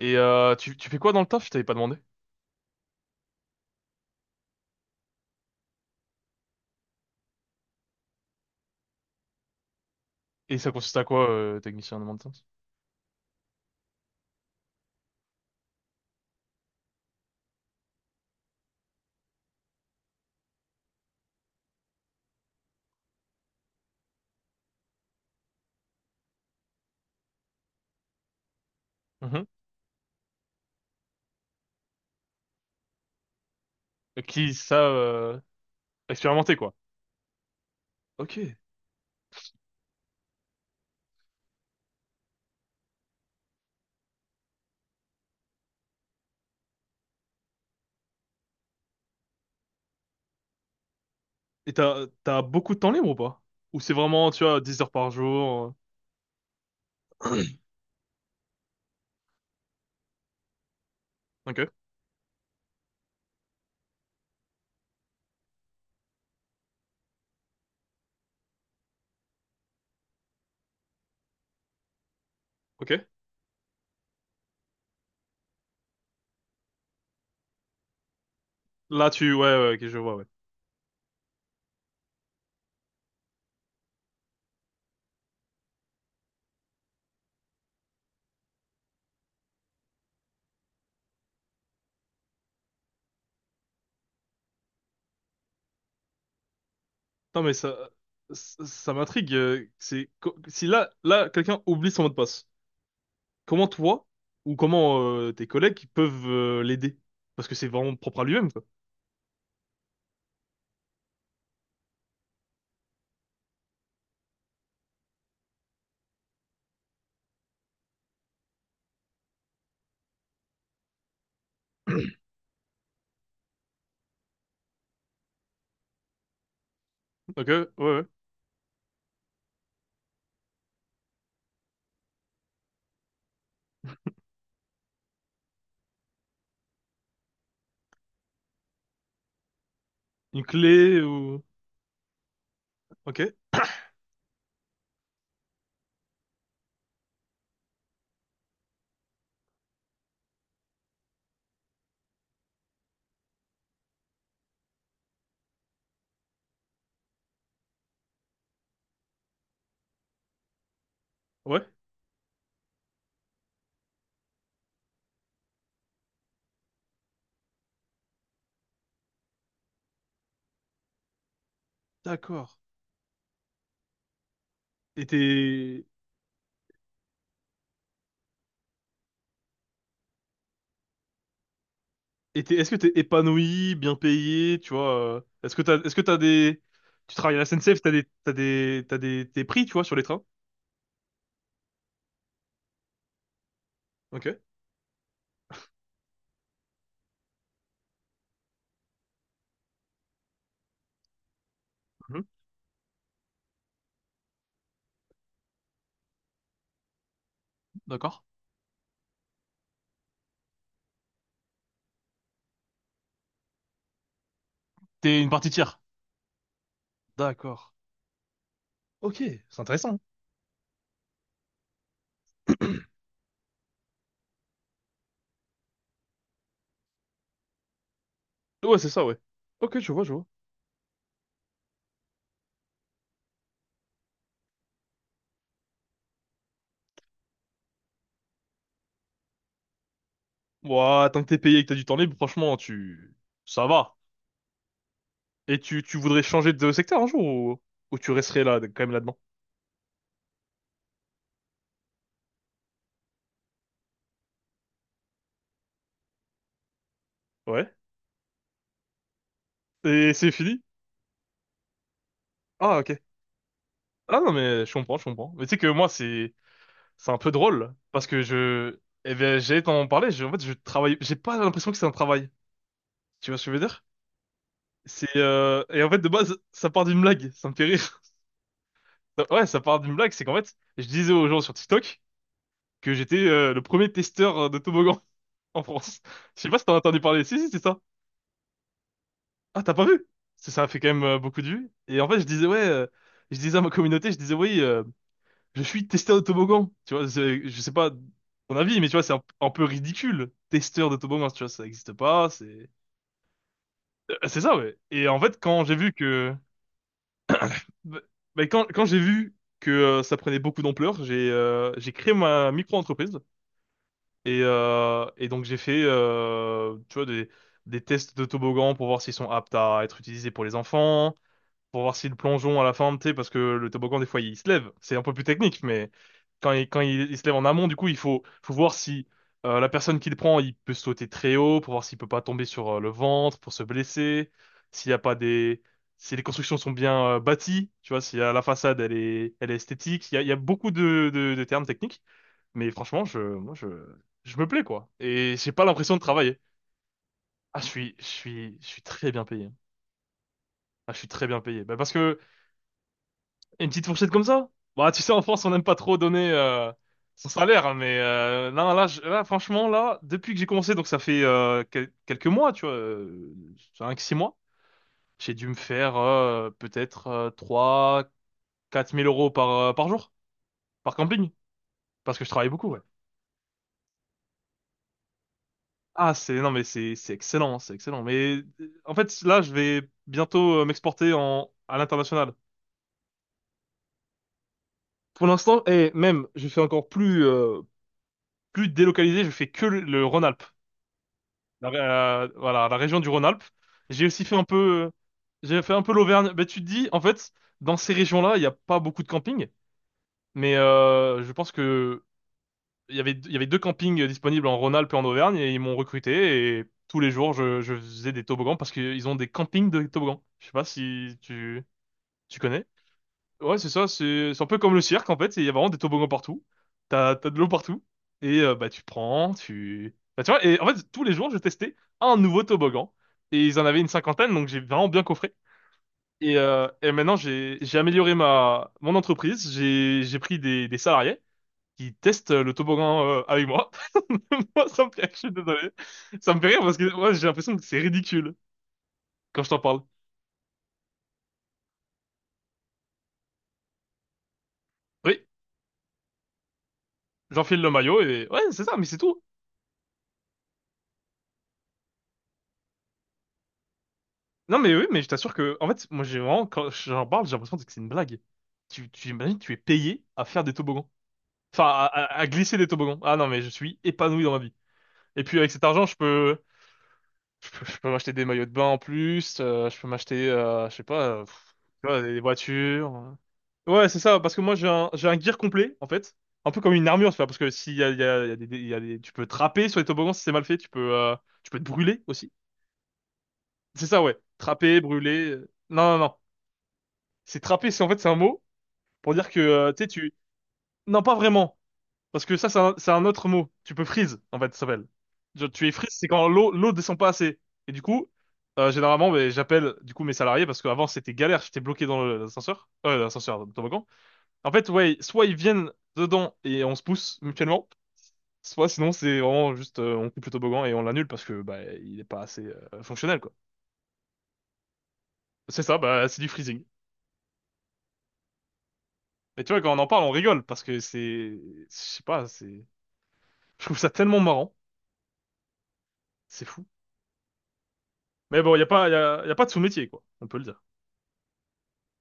Tu fais quoi dans le taf? Je t'avais pas demandé. Et ça consiste à quoi, technicien de maintenance? Mhm. Qui ça, expérimenté quoi. Ok. Et t'as beaucoup de temps libre ou pas? Ou c'est vraiment, tu vois, 10 heures par jour? Ok, ok. Là, tu ouais, ouais, ok, je vois, ouais. Non mais ça m'intrigue. Si là quelqu'un oublie son mot de passe. Comment toi ou comment tes collègues peuvent l'aider? Parce que c'est vraiment propre à lui-même quoi. Ok, ouais, ouais. Une clé ou, ok, ouais. D'accord. Et t'es, Est-ce que t'es épanoui, bien payé, tu vois? Est-ce que t'as des, Tu travailles à la SNCF, tes prix, tu vois, sur les trains? Ok. Mhm. D'accord. T'es une partie tiers. D'accord. Ok, c'est intéressant. Ouais, c'est ça, ouais. Ok, je vois, je vois. Ouah, tant que t'es payé et que t'as du temps libre, franchement, ça va. Et tu voudrais changer de secteur un jour, ou tu resterais là, quand même là-dedans? Ouais. Et c'est fini? Ah, ok. Ah non, mais je comprends, je comprends. Mais tu sais que moi, c'est un peu drôle parce que eh bien, j'allais t'en parler. En fait, je travaille. J'ai pas l'impression que c'est un travail. Tu vois ce que je veux dire? C'est Et en fait de base, ça part d'une blague. Ça me fait rire. Ouais, ça part d'une blague. C'est qu'en fait, je disais aux gens sur TikTok que j'étais le premier testeur de toboggan en France. Je sais pas si t'en as entendu parler. Si, si, c'est ça. Ah, t'as pas vu? Ça a fait quand même beaucoup de vues. Et en fait, je disais ouais. Je disais à ma communauté, je disais oui. Je suis testeur de toboggan. Tu vois, je sais pas ton avis, mais tu vois, c'est un peu ridicule. Testeur de toboggan, tu vois, ça n'existe pas. C'est ça, ouais. Et en fait, bah, quand j'ai vu que ça prenait beaucoup d'ampleur, j'ai créé ma micro-entreprise. Et donc, j'ai fait, tu vois, des tests de toboggan pour voir s'ils sont aptes à être utilisés pour les enfants. Pour voir si le plongeon à la fin, tu sais, parce que le toboggan, des fois, il se lève. C'est un peu plus technique, mais il se lève en amont, du coup, faut voir si la personne qui le prend, il peut sauter très haut, pour voir s'il peut pas tomber sur le ventre, pour se blesser, s'il y a pas des... Si les constructions sont bien bâties, tu vois, si la façade elle est esthétique, il y a beaucoup de termes techniques, mais franchement, je me plais quoi, et j'ai pas l'impression de travailler. Ah, je suis très bien payé. Ah, je suis très bien payé. Bah, parce que Une petite fourchette comme ça? Bah, tu sais, en France, on n'aime pas trop donner son salaire, hein, mais non, là, franchement, là, depuis que j'ai commencé, donc ça fait quelques mois, tu vois, euh, 5 six mois, j'ai dû me faire peut-être 3-4 000 euros par jour, par camping, parce que je travaille beaucoup, ouais. Ah, non, mais c'est excellent, c'est excellent. Mais en fait, là, je vais bientôt m'exporter à l'international. Pour l'instant, et même, je fais encore plus délocalisé, je fais que le rhône voilà, la région du Rhône-Alpes. J'ai aussi fait un peu, j'ai fait un peu l'Auvergne. Mais tu te dis, en fait, dans ces régions-là, il n'y a pas beaucoup de camping. Mais je pense que il y avait deux campings disponibles en Rhône-Alpes et en Auvergne et ils m'ont recruté et tous les jours, je faisais des toboggans parce qu'ils ont des campings de toboggans. Je sais pas si tu connais. Ouais, c'est ça, c'est un peu comme le cirque en fait, il y a vraiment des toboggans partout. T'as de l'eau partout et bah tu prends, tu bah, tu vois, et en fait tous les jours je testais un nouveau toboggan et ils en avaient une cinquantaine donc j'ai vraiment bien coffré. Et maintenant j'ai amélioré ma mon entreprise, j'ai pris des salariés qui testent le toboggan avec moi. Moi ça me fait rire, je suis désolé. Ça me fait rire parce que ouais, j'ai l'impression que c'est ridicule quand je t'en parle. Oui, j'enfile le maillot et ouais, c'est ça mais c'est tout. Non, mais oui, mais je t'assure que, en fait, moi, j'ai vraiment, quand j'en parle, j'ai l'impression que c'est une blague. Tu imagines, tu es payé à faire des toboggans. Enfin, à glisser des toboggans. Ah non, mais je suis épanoui dans ma vie. Et puis, avec cet argent, je peux m'acheter des maillots de bain en plus, je peux m'acheter, je sais pas, tu vois, des voitures. Ouais, c'est ça, parce que moi, j'ai un gear complet, en fait. Un peu comme une armure, tu vois, parce que s'il y a, il y a, il y a des, tu peux trapper sur les toboggans si c'est mal fait, tu peux te brûler aussi. C'est ça, ouais. Trapper, brûler. Non, non, non. C'est trapper, c'est en fait c'est un mot pour dire que tu sais tu, non pas vraiment, parce que ça c'est un autre mot. Tu peux freeze en fait ça s'appelle. Genre, tu es freeze, c'est quand l'eau descend pas assez. Et du coup généralement ben, j'appelle du coup mes salariés parce qu'avant c'était galère, j'étais bloqué dans l'ascenseur, l'ascenseur dans le toboggan. En fait ouais, soit ils viennent dedans et on se pousse mutuellement, soit sinon c'est vraiment juste on coupe le toboggan et on l'annule parce que bah il est pas assez fonctionnel quoi. C'est ça, bah c'est du freezing. Et tu vois, quand on en parle, on rigole parce que je sais pas, je trouve ça tellement marrant. C'est fou. Mais bon, il n'y a pas, y a, y a pas de sous-métier, quoi. On peut le dire.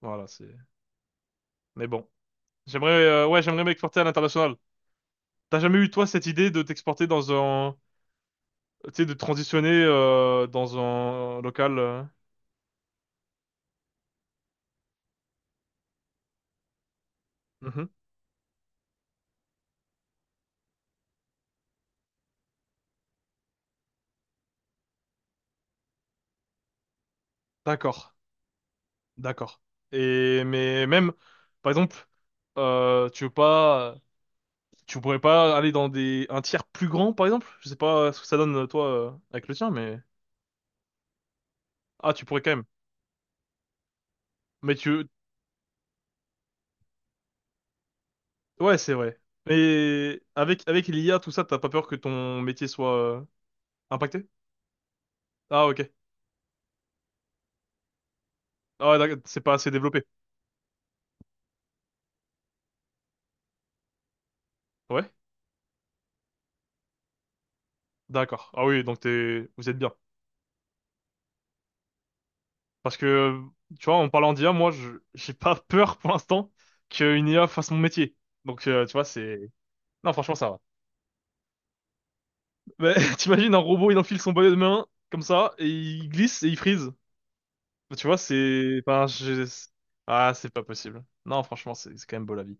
Voilà, c'est. Mais bon. J'aimerais m'exporter à l'international. T'as jamais eu, toi, cette idée de t'exporter dans un, tu sais, de transitionner, dans un local, mhm. D'accord. D'accord. Mais même, par exemple, euh, tu veux pas, tu pourrais pas aller dans un tiers plus grand, par exemple? Je sais pas ce que ça donne, toi, avec le tien, mais, ah, tu pourrais quand même. Mais tu, Ouais, c'est vrai. Et avec l'IA, tout ça, t'as pas peur que ton métier soit impacté? Ah, ok. Ah ouais, d'accord, c'est pas assez développé. Ouais? D'accord. Ah oui, donc vous êtes bien. Parce que, tu vois, en parlant d'IA, moi, j'ai pas peur pour l'instant qu'une IA fasse mon métier. Donc, tu vois, c'est... Non, franchement, ça va. Mais t'imagines, un robot, il enfile son bonnet de main, comme ça, et il glisse et il freeze. Tu vois, c'est... Ah, c'est pas possible. Non, franchement, c'est quand même beau la vie.